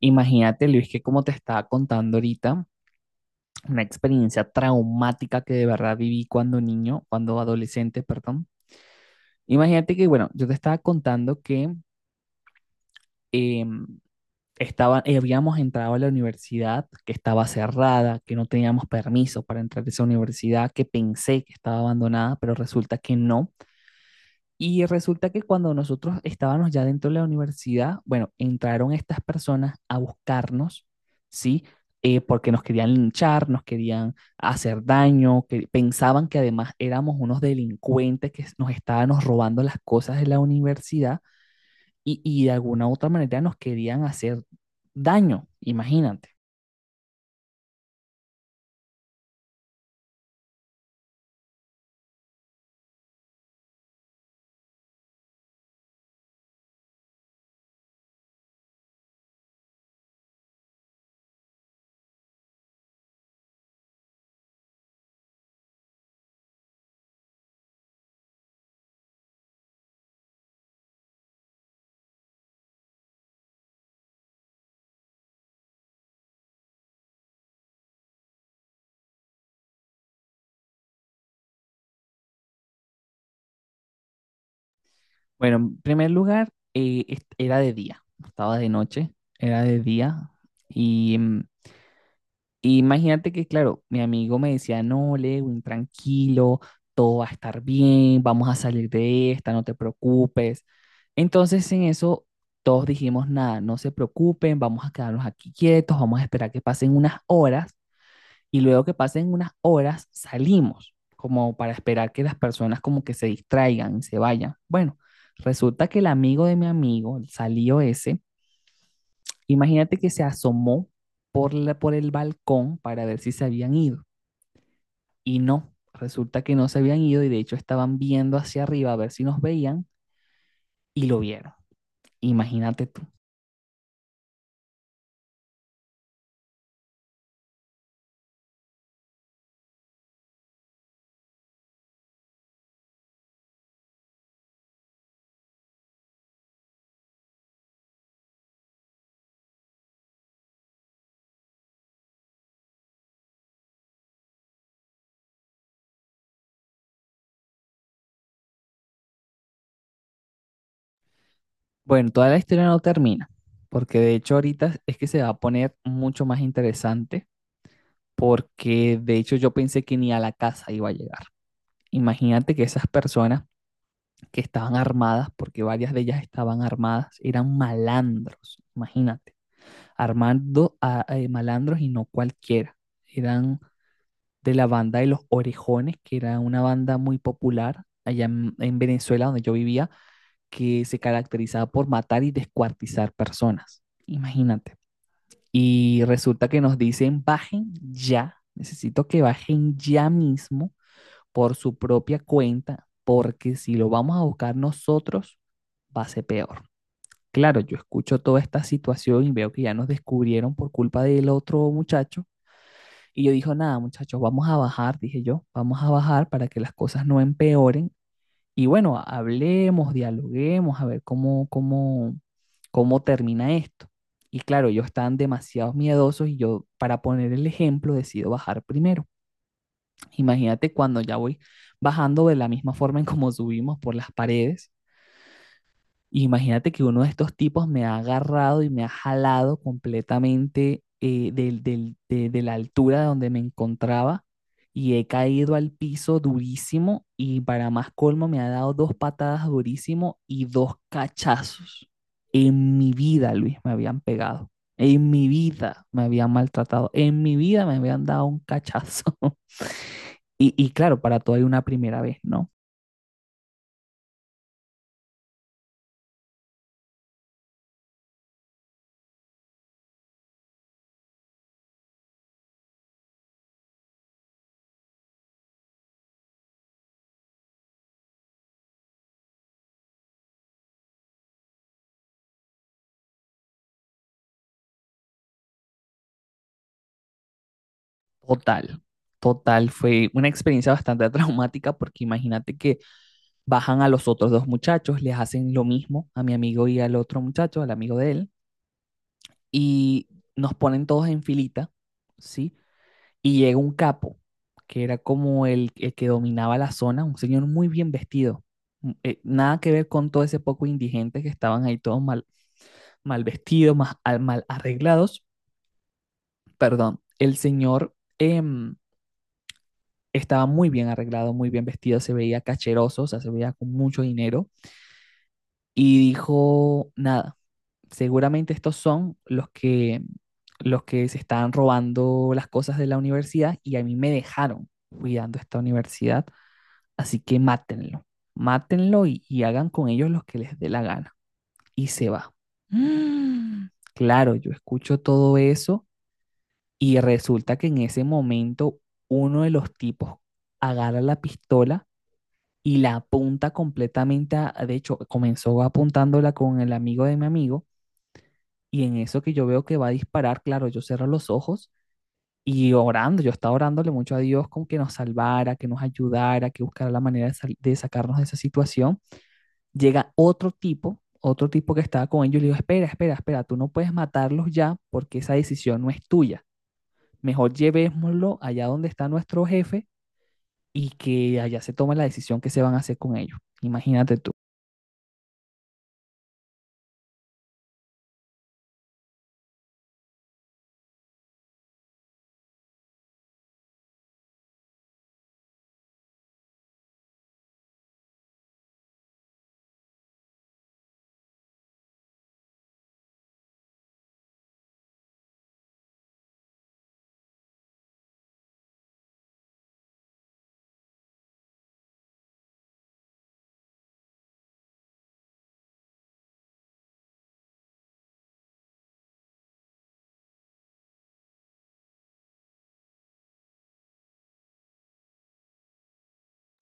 Imagínate, Luis, que como te estaba contando ahorita, una experiencia traumática que de verdad viví cuando niño, cuando adolescente, perdón. Imagínate que, bueno, yo te estaba contando que em, estaba, habíamos entrado a la universidad, que estaba cerrada, que no teníamos permiso para entrar a esa universidad, que pensé que estaba abandonada, pero resulta que no. Y resulta que cuando nosotros estábamos ya dentro de la universidad, bueno, entraron estas personas a buscarnos, ¿sí? Porque nos querían linchar, nos querían hacer daño, que pensaban que además éramos unos delincuentes que nos estábamos robando las cosas de la universidad y, de alguna u otra manera nos querían hacer daño, imagínate. Bueno, en primer lugar, era de día, no estaba de noche, era de día y Y imagínate que, claro, mi amigo me decía, no, Lewin, tranquilo, todo va a estar bien, vamos a salir de esta, no te preocupes. Entonces en eso todos dijimos, nada, no se preocupen, vamos a quedarnos aquí quietos, vamos a esperar que pasen unas horas y luego que pasen unas horas salimos, como para esperar que las personas como que se distraigan y se vayan. Bueno, resulta que el amigo de mi amigo, el salió ese, imagínate que se asomó por el balcón para ver si se habían ido. Y no, resulta que no se habían ido y de hecho estaban viendo hacia arriba a ver si nos veían y lo vieron. Imagínate tú. Bueno, toda la historia no termina, porque de hecho ahorita es que se va a poner mucho más interesante, porque de hecho yo pensé que ni a la casa iba a llegar. Imagínate que esas personas que estaban armadas, porque varias de ellas estaban armadas, eran malandros, imagínate, armando a malandros y no cualquiera, eran de la banda de Los Orejones, que era una banda muy popular allá en Venezuela, donde yo vivía, que se caracterizaba por matar y descuartizar personas. Imagínate. Y resulta que nos dicen, bajen ya, necesito que bajen ya mismo por su propia cuenta, porque si lo vamos a buscar nosotros, va a ser peor. Claro, yo escucho toda esta situación y veo que ya nos descubrieron por culpa del otro muchacho y yo dijo, nada, muchachos, vamos a bajar, dije yo, vamos a bajar para que las cosas no empeoren. Y bueno, hablemos, dialoguemos, a ver cómo termina esto. Y claro, ellos están demasiado miedosos y yo, para poner el ejemplo, decido bajar primero. Imagínate cuando ya voy bajando de la misma forma en como subimos por las paredes y imagínate que uno de estos tipos me ha agarrado y me ha jalado completamente de la altura de donde me encontraba y he caído al piso durísimo y para más colmo me ha dado dos patadas durísimo y dos cachazos. En mi vida, Luis, me habían pegado. En mi vida me habían maltratado. En mi vida me habían dado un cachazo. Y, claro, para todo hay una primera vez, ¿no? Total, total. Fue una experiencia bastante traumática porque imagínate que bajan a los otros dos muchachos, les hacen lo mismo a mi amigo y al otro muchacho, al amigo de él, y nos ponen todos en filita, ¿sí? Y llega un capo, que era como el que dominaba la zona, un señor muy bien vestido. Nada que ver con todo ese poco indigente que estaban ahí todos mal, mal vestidos, mal arreglados. Perdón, el señor em, estaba muy bien arreglado, muy bien vestido, se veía cacheroso, o sea, se veía con mucho dinero. Y dijo, nada, seguramente estos son los que se están robando las cosas de la universidad y a mí me dejaron cuidando esta universidad, así que mátenlo, mátenlo y, hagan con ellos lo que les dé la gana. Y se va. Mm, Claro, yo escucho todo eso y resulta que en ese momento uno de los tipos agarra la pistola y la apunta completamente a, de hecho, comenzó apuntándola con el amigo de mi amigo y en eso que yo veo que va a disparar, claro, yo cierro los ojos y orando, yo estaba orándole mucho a Dios con que nos salvara, que nos ayudara, que buscara la manera de, de sacarnos de esa situación. Llega otro tipo que estaba con ellos y le digo, espera, espera, espera, tú no puedes matarlos ya porque esa decisión no es tuya. Mejor llevémoslo allá donde está nuestro jefe y que allá se tome la decisión que se van a hacer con ellos. Imagínate tú.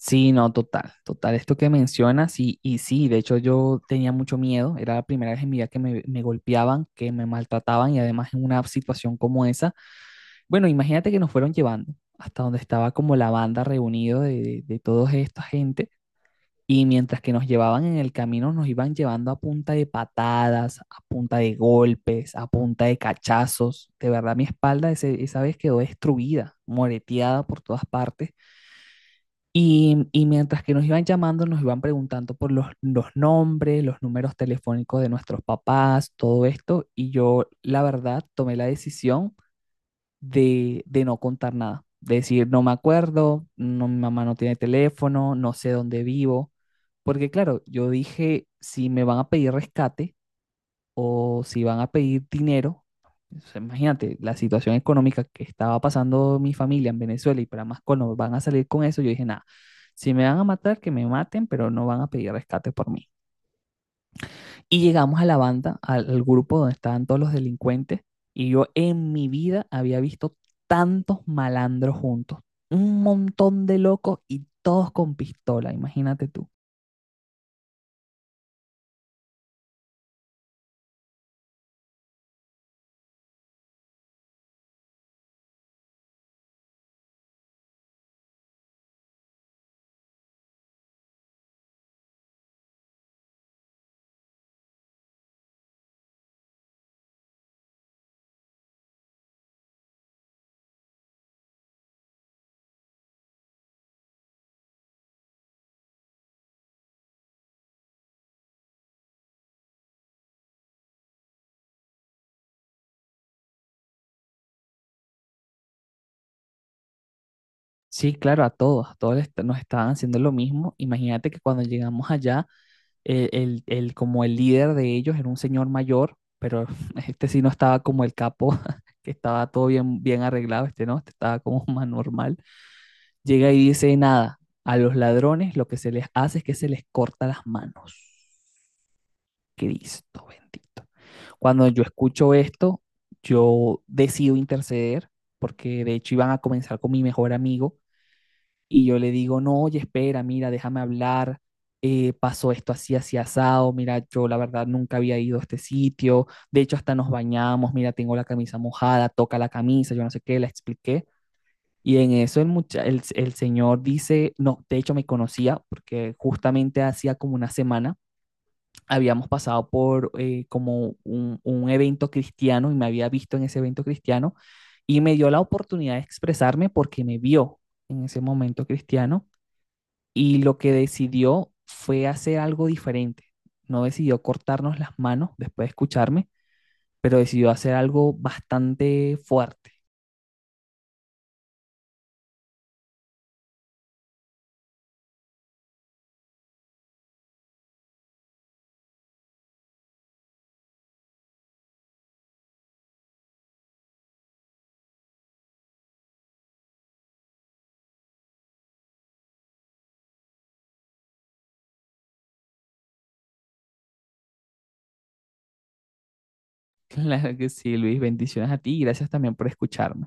Sí, no, total, total. Esto que mencionas, y, sí, de hecho yo tenía mucho miedo, era la primera vez en mi vida que me golpeaban, que me maltrataban y además en una situación como esa. Bueno, imagínate que nos fueron llevando hasta donde estaba como la banda reunido de toda esta gente y mientras que nos llevaban en el camino nos iban llevando a punta de patadas, a punta de golpes, a punta de cachazos. De verdad mi espalda esa vez quedó destruida, moreteada por todas partes. Y, mientras que nos iban llamando, nos iban preguntando por los nombres, los números telefónicos de nuestros papás, todo esto. Y yo, la verdad, tomé la decisión de no contar nada. De decir, no me acuerdo, no, mi mamá no tiene teléfono, no sé dónde vivo. Porque claro, yo dije, si me van a pedir rescate, o si van a pedir dinero. O imagínate la situación económica que estaba pasando mi familia en Venezuela y para más colmo van a salir con eso, yo dije, nada, si me van a matar, que me maten, pero no van a pedir rescate por mí. Y llegamos a la banda, al grupo donde estaban todos los delincuentes y yo en mi vida había visto tantos malandros juntos, un montón de locos y todos con pistola, imagínate tú. Sí, claro, a todos les- nos estaban haciendo lo mismo. Imagínate que cuando llegamos allá como el líder de ellos era un señor mayor, pero este sí no estaba como el capo, que estaba todo bien, bien arreglado, este no, este estaba como más normal. Llega y dice, nada, a los ladrones lo que se les hace es que se les corta las manos. Cristo bendito. Cuando yo escucho esto, yo decido interceder, porque de hecho iban a comenzar con mi mejor amigo y yo le digo, no, oye, espera, mira, déjame hablar, pasó esto así, así asado, mira, yo la verdad nunca había ido a este sitio, de hecho hasta nos bañamos, mira, tengo la camisa mojada, toca la camisa, yo no sé qué, la expliqué. Y en eso el señor dice, no, de hecho me conocía porque justamente hacía como una semana habíamos pasado por como un evento cristiano y me había visto en ese evento cristiano y me dio la oportunidad de expresarme porque me vio en ese momento cristiano y lo que decidió fue hacer algo diferente. No decidió cortarnos las manos después de escucharme, pero decidió hacer algo bastante fuerte. Claro que sí, Luis, bendiciones a ti y gracias también por escucharme.